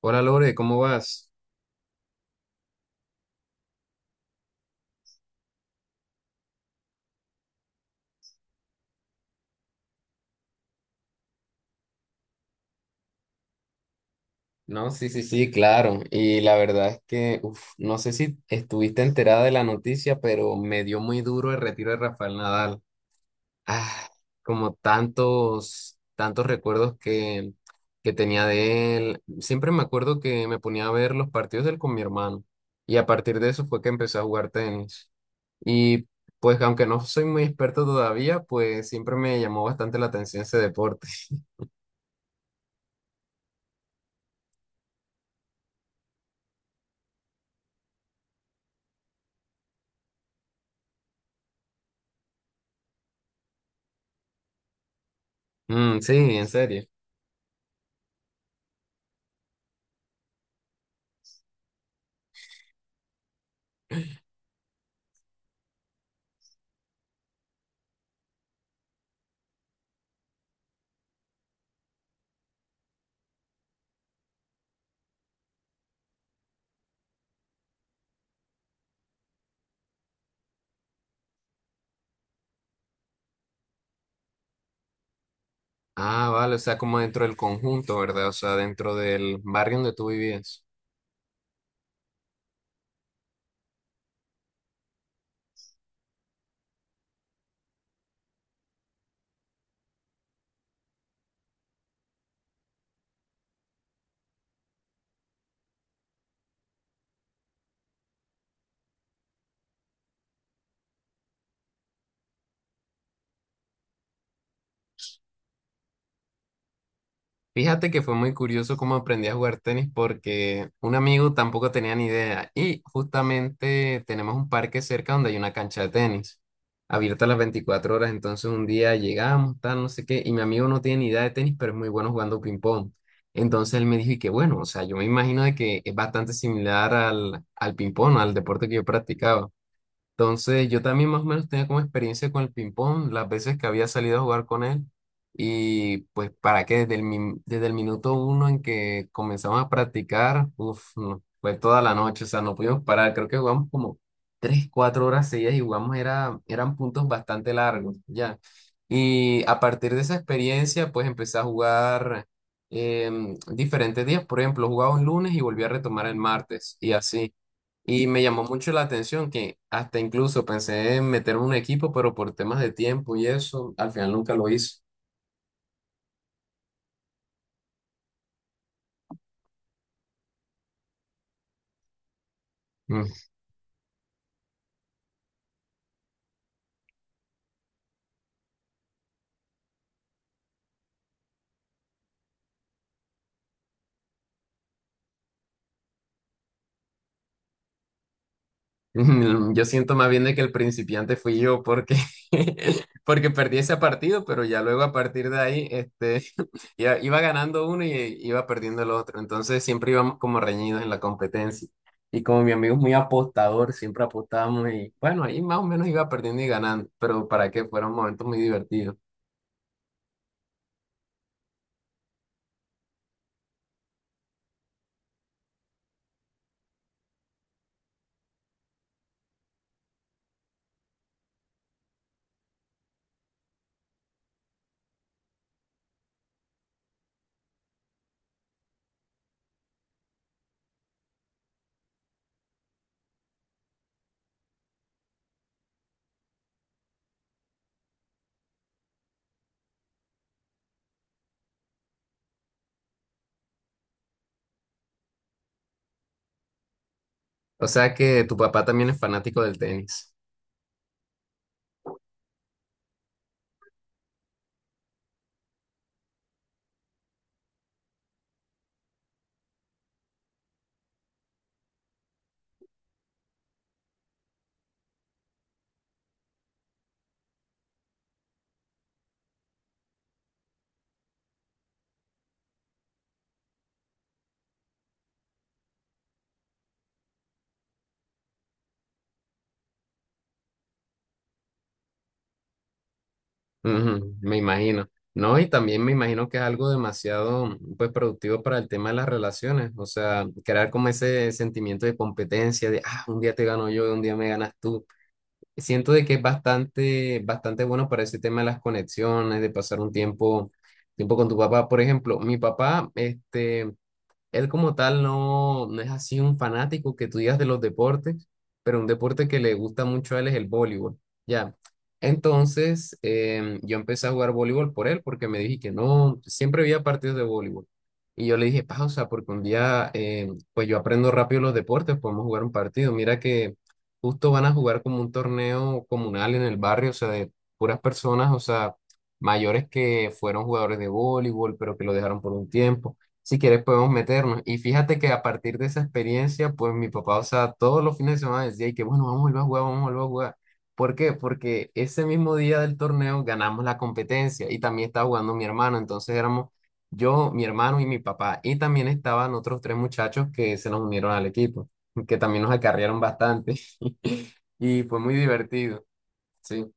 Hola Lore, ¿cómo vas? No, sí, sí, claro. Y la verdad es que, uf, no sé si estuviste enterada de la noticia, pero me dio muy duro el retiro de Rafael Nadal. Ah, como tantos recuerdos que tenía de él. Siempre me acuerdo que me ponía a ver los partidos de él con mi hermano. Y a partir de eso fue que empecé a jugar tenis. Y pues, aunque no soy muy experto todavía, pues siempre me llamó bastante la atención ese deporte. Mm, sí, en serio. Ah, vale, o sea, como dentro del conjunto, ¿verdad? O sea, dentro del barrio donde tú vivías. Fíjate que fue muy curioso cómo aprendí a jugar tenis porque un amigo tampoco tenía ni idea y justamente tenemos un parque cerca donde hay una cancha de tenis abierta las 24 horas. Entonces un día llegamos, tal, no sé qué, y mi amigo no tiene ni idea de tenis, pero es muy bueno jugando ping-pong. Entonces él me dijo, y que bueno, o sea, yo me imagino de que es bastante similar al ping-pong, al deporte que yo practicaba. Entonces, yo también más o menos tenía como experiencia con el ping-pong, las veces que había salido a jugar con él. Y pues, para que desde desde el minuto uno en que comenzamos a practicar, uf, no, fue toda la noche, o sea, no pudimos parar. Creo que jugamos como tres, cuatro horas seguidas y jugamos, eran puntos bastante largos, ya. Y a partir de esa experiencia, pues empecé a jugar diferentes días. Por ejemplo, jugaba un lunes y volví a retomar el martes, y así. Y me llamó mucho la atención que hasta incluso pensé en meter un equipo, pero por temas de tiempo y eso, al final nunca lo hice. Mm. Yo siento más bien de que el principiante fui yo, porque perdí ese partido, pero ya luego a partir de ahí este, ya iba ganando uno y iba perdiendo el otro. Entonces siempre íbamos como reñidos en la competencia. Y como mi amigo es muy apostador, siempre apostábamos y bueno, ahí más o menos iba perdiendo y ganando, pero para que fuera un momento muy divertido. O sea que tu papá también es fanático del tenis. Ujú, me imagino. No, y también me imagino que es algo demasiado, pues, productivo para el tema de las relaciones. O sea, crear como ese sentimiento de competencia, de, ah, un día te gano yo, un día me ganas tú. Siento de que es bastante bueno para ese tema de las conexiones, de pasar un tiempo con tu papá. Por ejemplo, mi papá, este, él como tal no es así un fanático que tú digas de los deportes, pero un deporte que le gusta mucho a él es el voleibol. Ya. Entonces, yo empecé a jugar voleibol por él porque me dije que no, siempre había partidos de voleibol. Y yo le dije, pausa, porque un día, pues yo aprendo rápido los deportes, podemos jugar un partido. Mira que justo van a jugar como un torneo comunal en el barrio, o sea, de puras personas, o sea, mayores que fueron jugadores de voleibol, pero que lo dejaron por un tiempo. Si quieres podemos meternos. Y fíjate que a partir de esa experiencia, pues mi papá, o sea, todos los fines de semana decía: "Ay, que bueno, vamos a volver a jugar, vamos a volver a jugar". ¿Por qué? Porque ese mismo día del torneo ganamos la competencia y también estaba jugando mi hermano. Entonces éramos yo, mi hermano y mi papá. Y también estaban otros tres muchachos que se nos unieron al equipo, que también nos acarrearon bastante. Y fue muy divertido. Sí.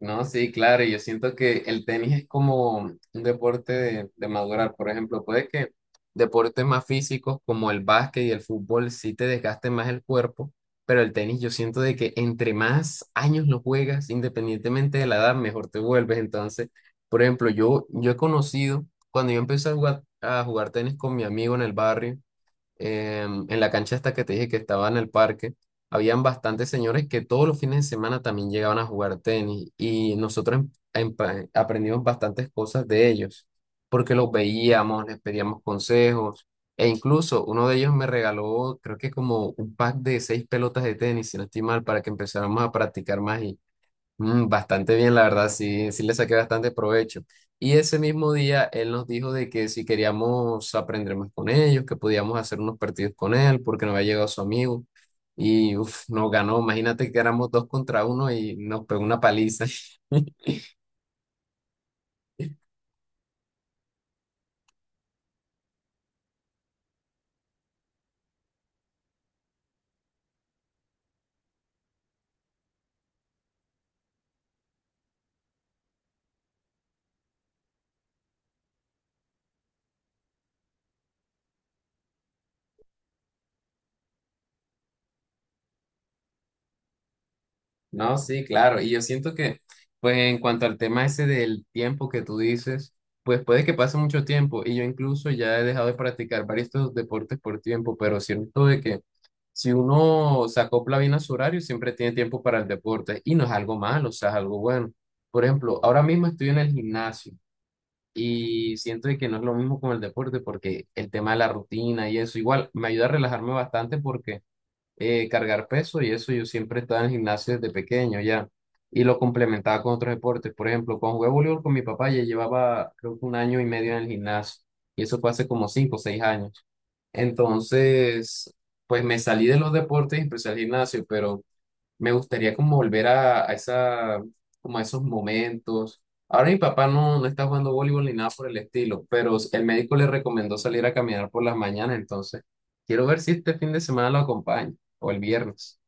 No, sí, claro, y yo siento que el tenis es como un deporte de madurar. Por ejemplo, puede que deportes más físicos como el básquet y el fútbol sí te desgasten más el cuerpo, pero el tenis yo siento de que entre más años lo juegas, independientemente de la edad, mejor te vuelves. Entonces, por ejemplo, yo he conocido, cuando yo empecé a jugar tenis con mi amigo en el barrio, en la cancha esta que te dije que estaba en el parque, habían bastantes señores que todos los fines de semana también llegaban a jugar tenis y aprendimos bastantes cosas de ellos, porque los veíamos, les pedíamos consejos e incluso uno de ellos me regaló, creo que como un pack de 6 pelotas de tenis, si no estoy mal, para que empezáramos a practicar más. Mm, bastante bien, la verdad, sí, sí le saqué bastante provecho. Y ese mismo día él nos dijo de que si queríamos aprender más con ellos, que podíamos hacer unos partidos con él, porque no había llegado su amigo. Y uf, nos ganó, imagínate que éramos dos contra uno y nos pegó una paliza. No, sí, claro. Y yo siento que, pues en cuanto al tema ese del tiempo que tú dices, pues puede que pase mucho tiempo. Y yo incluso ya he dejado de practicar varios estos deportes por tiempo, pero siento de que si uno se acopla bien a su horario, siempre tiene tiempo para el deporte. Y no es algo malo, o sea, es algo bueno. Por ejemplo, ahora mismo estoy en el gimnasio y siento de que no es lo mismo con el deporte porque el tema de la rutina y eso, igual me ayuda a relajarme bastante porque cargar peso y eso, yo siempre estaba en el gimnasio desde pequeño ya y lo complementaba con otros deportes. Por ejemplo, cuando jugué voleibol con mi papá ya llevaba creo que 1 año y medio en el gimnasio y eso fue hace como 5 o 6 años. Entonces, pues me salí de los deportes y empecé al gimnasio, pero me gustaría como volver a esa, como a esos momentos. Ahora mi papá no está jugando voleibol ni nada por el estilo, pero el médico le recomendó salir a caminar por las mañanas. Entonces quiero ver si este fin de semana lo acompaña o el viernes.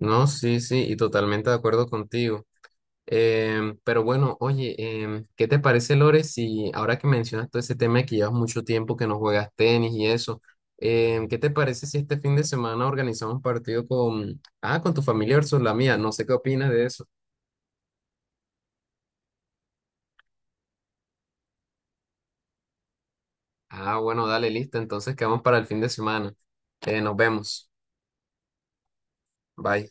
No, sí, sí, y totalmente de acuerdo contigo. Pero bueno, oye, ¿qué te parece, Lore, si ahora que mencionas todo ese tema de que llevas mucho tiempo que no juegas tenis y eso, qué te parece si este fin de semana organizamos un partido con, ah, con tu familia versus la mía? No sé qué opinas de eso. Ah, bueno, dale, listo. Entonces quedamos para el fin de semana. Nos vemos. Bye.